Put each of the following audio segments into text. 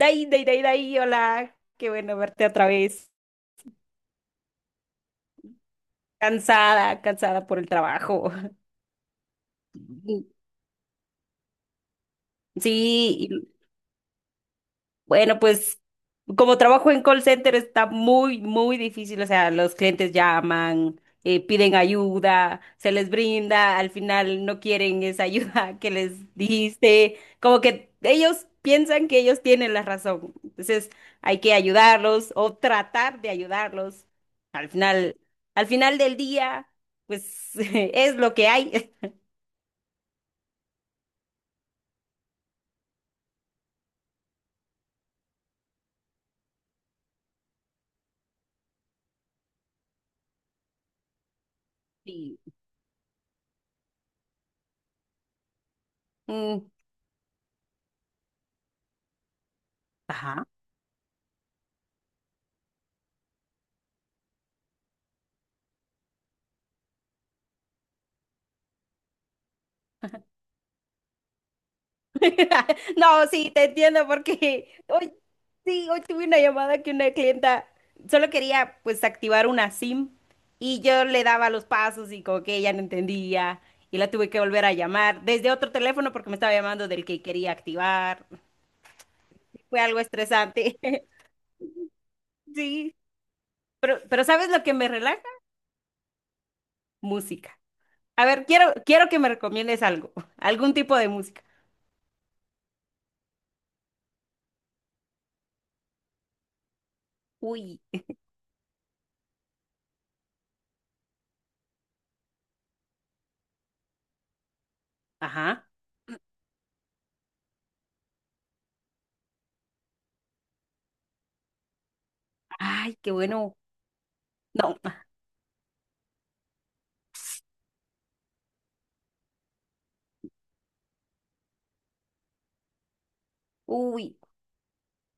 Dai, dai, dai, dai, hola. Qué bueno verte otra vez. Cansada, cansada por el trabajo. Sí. Bueno, pues, como trabajo en call center está muy, muy difícil. O sea, los clientes llaman, piden ayuda, se les brinda, al final no quieren esa ayuda que les diste. Como que ellos piensan que ellos tienen la razón. Entonces hay que ayudarlos o tratar de ayudarlos. Al final, al final del día, pues es lo que hay. Sí. Mm, ajá. No, sí, te entiendo porque hoy, sí, hoy tuve una llamada que una clienta solo quería pues activar una SIM, y yo le daba los pasos y como que ella no entendía, y la tuve que volver a llamar desde otro teléfono porque me estaba llamando del que quería activar. Fue algo estresante. Sí, pero ¿sabes lo que me relaja? Música. A ver, quiero que me recomiendes algo, algún tipo de música. Uy, ajá. Ay, qué bueno. No, uy.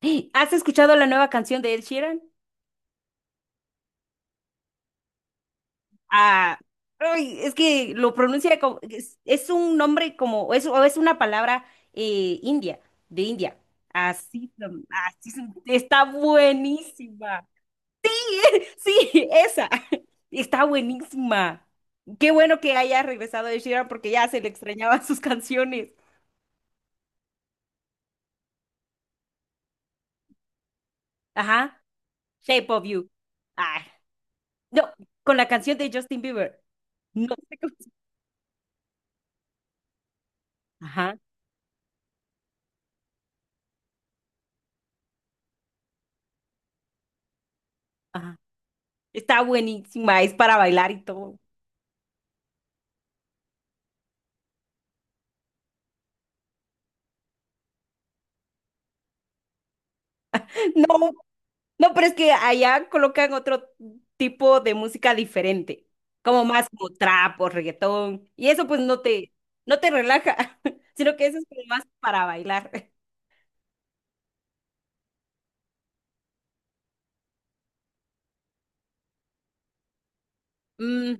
¿Has escuchado la nueva canción de Ed Sheeran? Ah, ay, es que lo pronuncia como, es un nombre como, es, o es una palabra india, de India. Así se- está buenísima. Sí, esa, está buenísima. Qué bueno que haya regresado Ed Sheeran porque ya se le extrañaban sus canciones. Ajá, Shape of You. Ay, no, con la canción de Justin Bieber. No sé cómo. Se- Ajá, ajá. Está buenísima, es para bailar y todo. No, no, pero es que allá colocan otro tipo de música diferente, como más como trap o reggaetón, y eso pues no te, no te relaja, sino que eso es como más para bailar. Mm,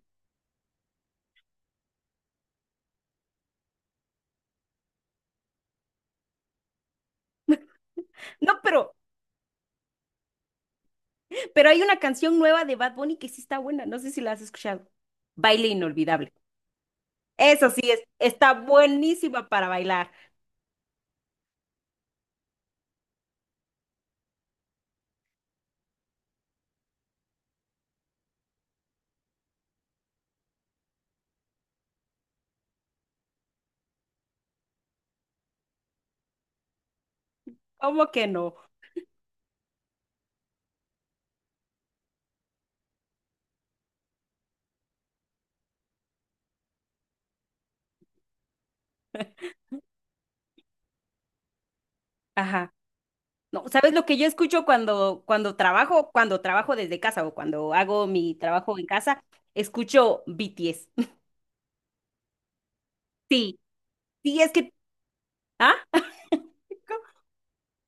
no, pero hay una canción nueva de Bad Bunny que sí está buena, no sé si la has escuchado. Baile inolvidable. Eso sí, es, está buenísima para bailar. ¿Cómo que no? Ajá. No, ¿sabes lo que yo escucho cuando, cuando trabajo desde casa o cuando hago mi trabajo en casa? Escucho BTS. Sí, sí, es que, ¿ah?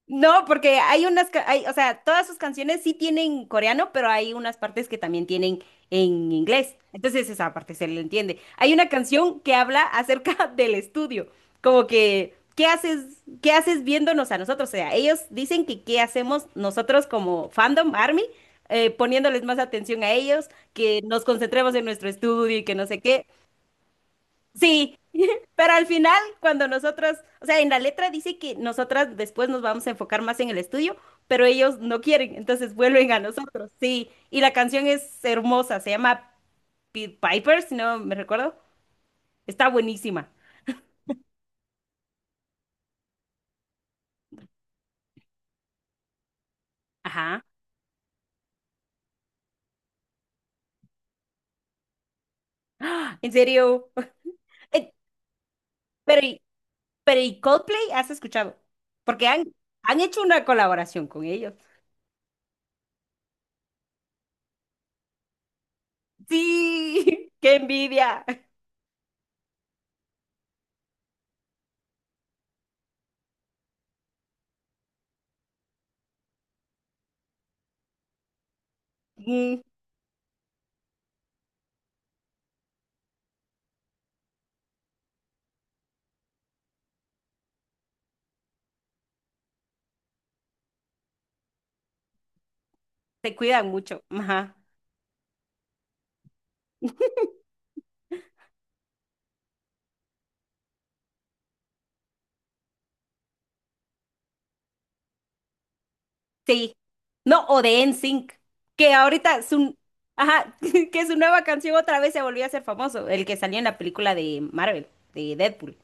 No, porque hay unas, ca- hay, o sea, todas sus canciones sí tienen coreano, pero hay unas partes que también tienen en inglés. Entonces esa parte se le entiende. Hay una canción que habla acerca del estudio, como que, qué haces viéndonos a nosotros? O sea, ellos dicen que qué hacemos nosotros como fandom, ARMY, poniéndoles más atención a ellos, que nos concentremos en nuestro estudio y que no sé qué. Sí, pero al final, cuando nosotras, o sea, en la letra dice que nosotras después nos vamos a enfocar más en el estudio, pero ellos no quieren, entonces vuelven a nosotros, sí. Y la canción es hermosa, se llama Pied Piper, si no me recuerdo. Está buenísima. Ajá. ¡Ah! En serio. Eh, Pero, ¿y- pero ¿y Coldplay has escuchado? Porque han hecho una colaboración con ellos. Sí, qué envidia. Mm, se cuidan mucho. Ajá. Sí. No, o de NSYNC, que ahorita su, ajá, que su nueva canción otra vez se volvió a hacer famoso, el que salió en la película de Marvel, de Deadpool,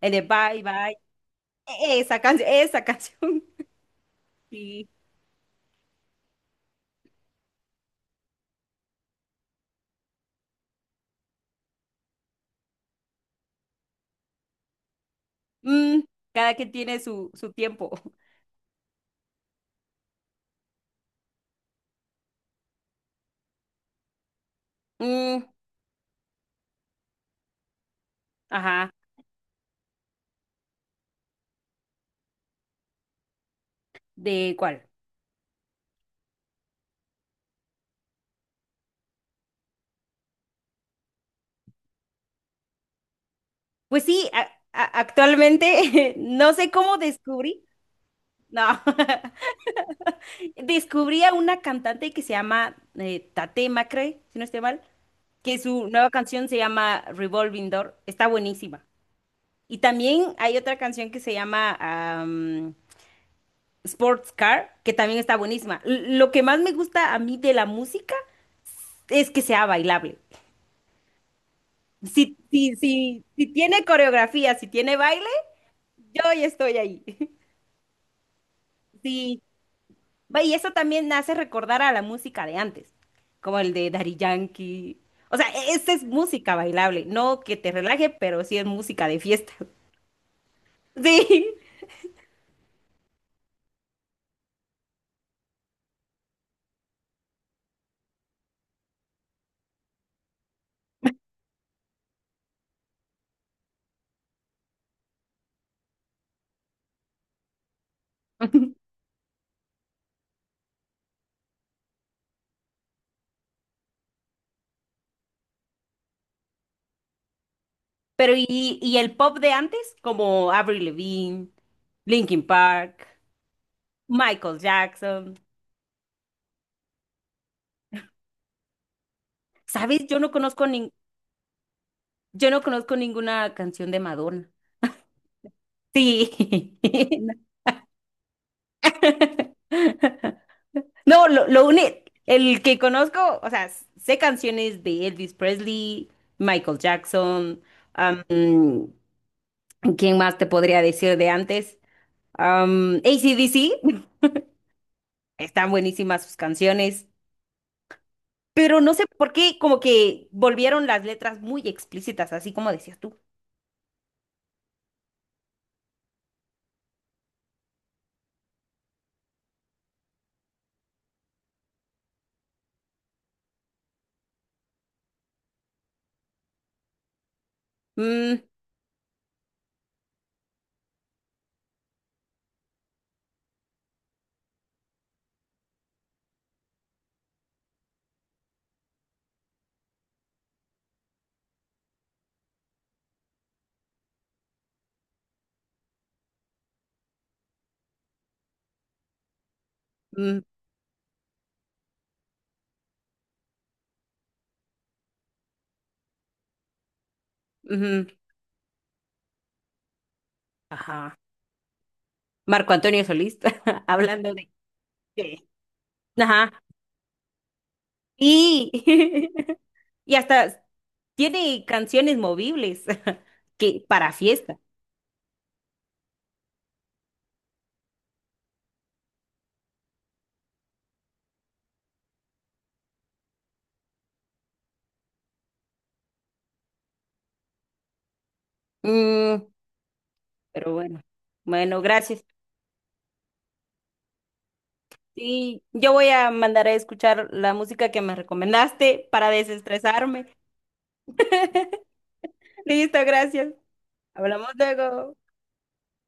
el de Bye Bye, esa canción, esa canción, sí. Mm, cada quien tiene su, su tiempo. Mm, ajá, ¿de cuál? Pues sí, a- actualmente no sé cómo descubrí, no. Descubrí a una cantante que se llama Tate Macrae, si no estoy mal, que su nueva canción se llama Revolving Door. Está buenísima. Y también hay otra canción que se llama am, Sports Car, que también está buenísima. L- lo que más me gusta a mí de la música es que sea bailable. Si, si, si, si tiene coreografía, si tiene baile, yo ya estoy ahí. Sí, va, y eso también hace recordar a la música de antes, como el de Daddy Yankee. O sea, e- esta es música bailable, no que te relaje, pero sí es música de fiesta. Sí, pero y el pop de antes, como Avril Lavigne, Linkin Park, Michael Jackson. ¿Sabes? Yo no conozco nin- yo no conozco ninguna canción de Madonna. Sí. No. No, lo único, el que conozco, o sea, sé canciones de Elvis Presley, Michael Jackson, am, ¿quién más te podría decir de antes? Am, AC/DC, están buenísimas sus canciones, pero no sé por qué como que volvieron las letras muy explícitas, así como decías tú. Mm, mm, ujú, ajá. Marco Antonio Solís, hablando de- Ajá. Y, y hasta tiene canciones movibles que para fiesta. Mm, pero bueno, bueno, gracias. Sí, yo voy a mandar a escuchar la música que me recomendaste para desestresarme. Listo, gracias. Hablamos luego.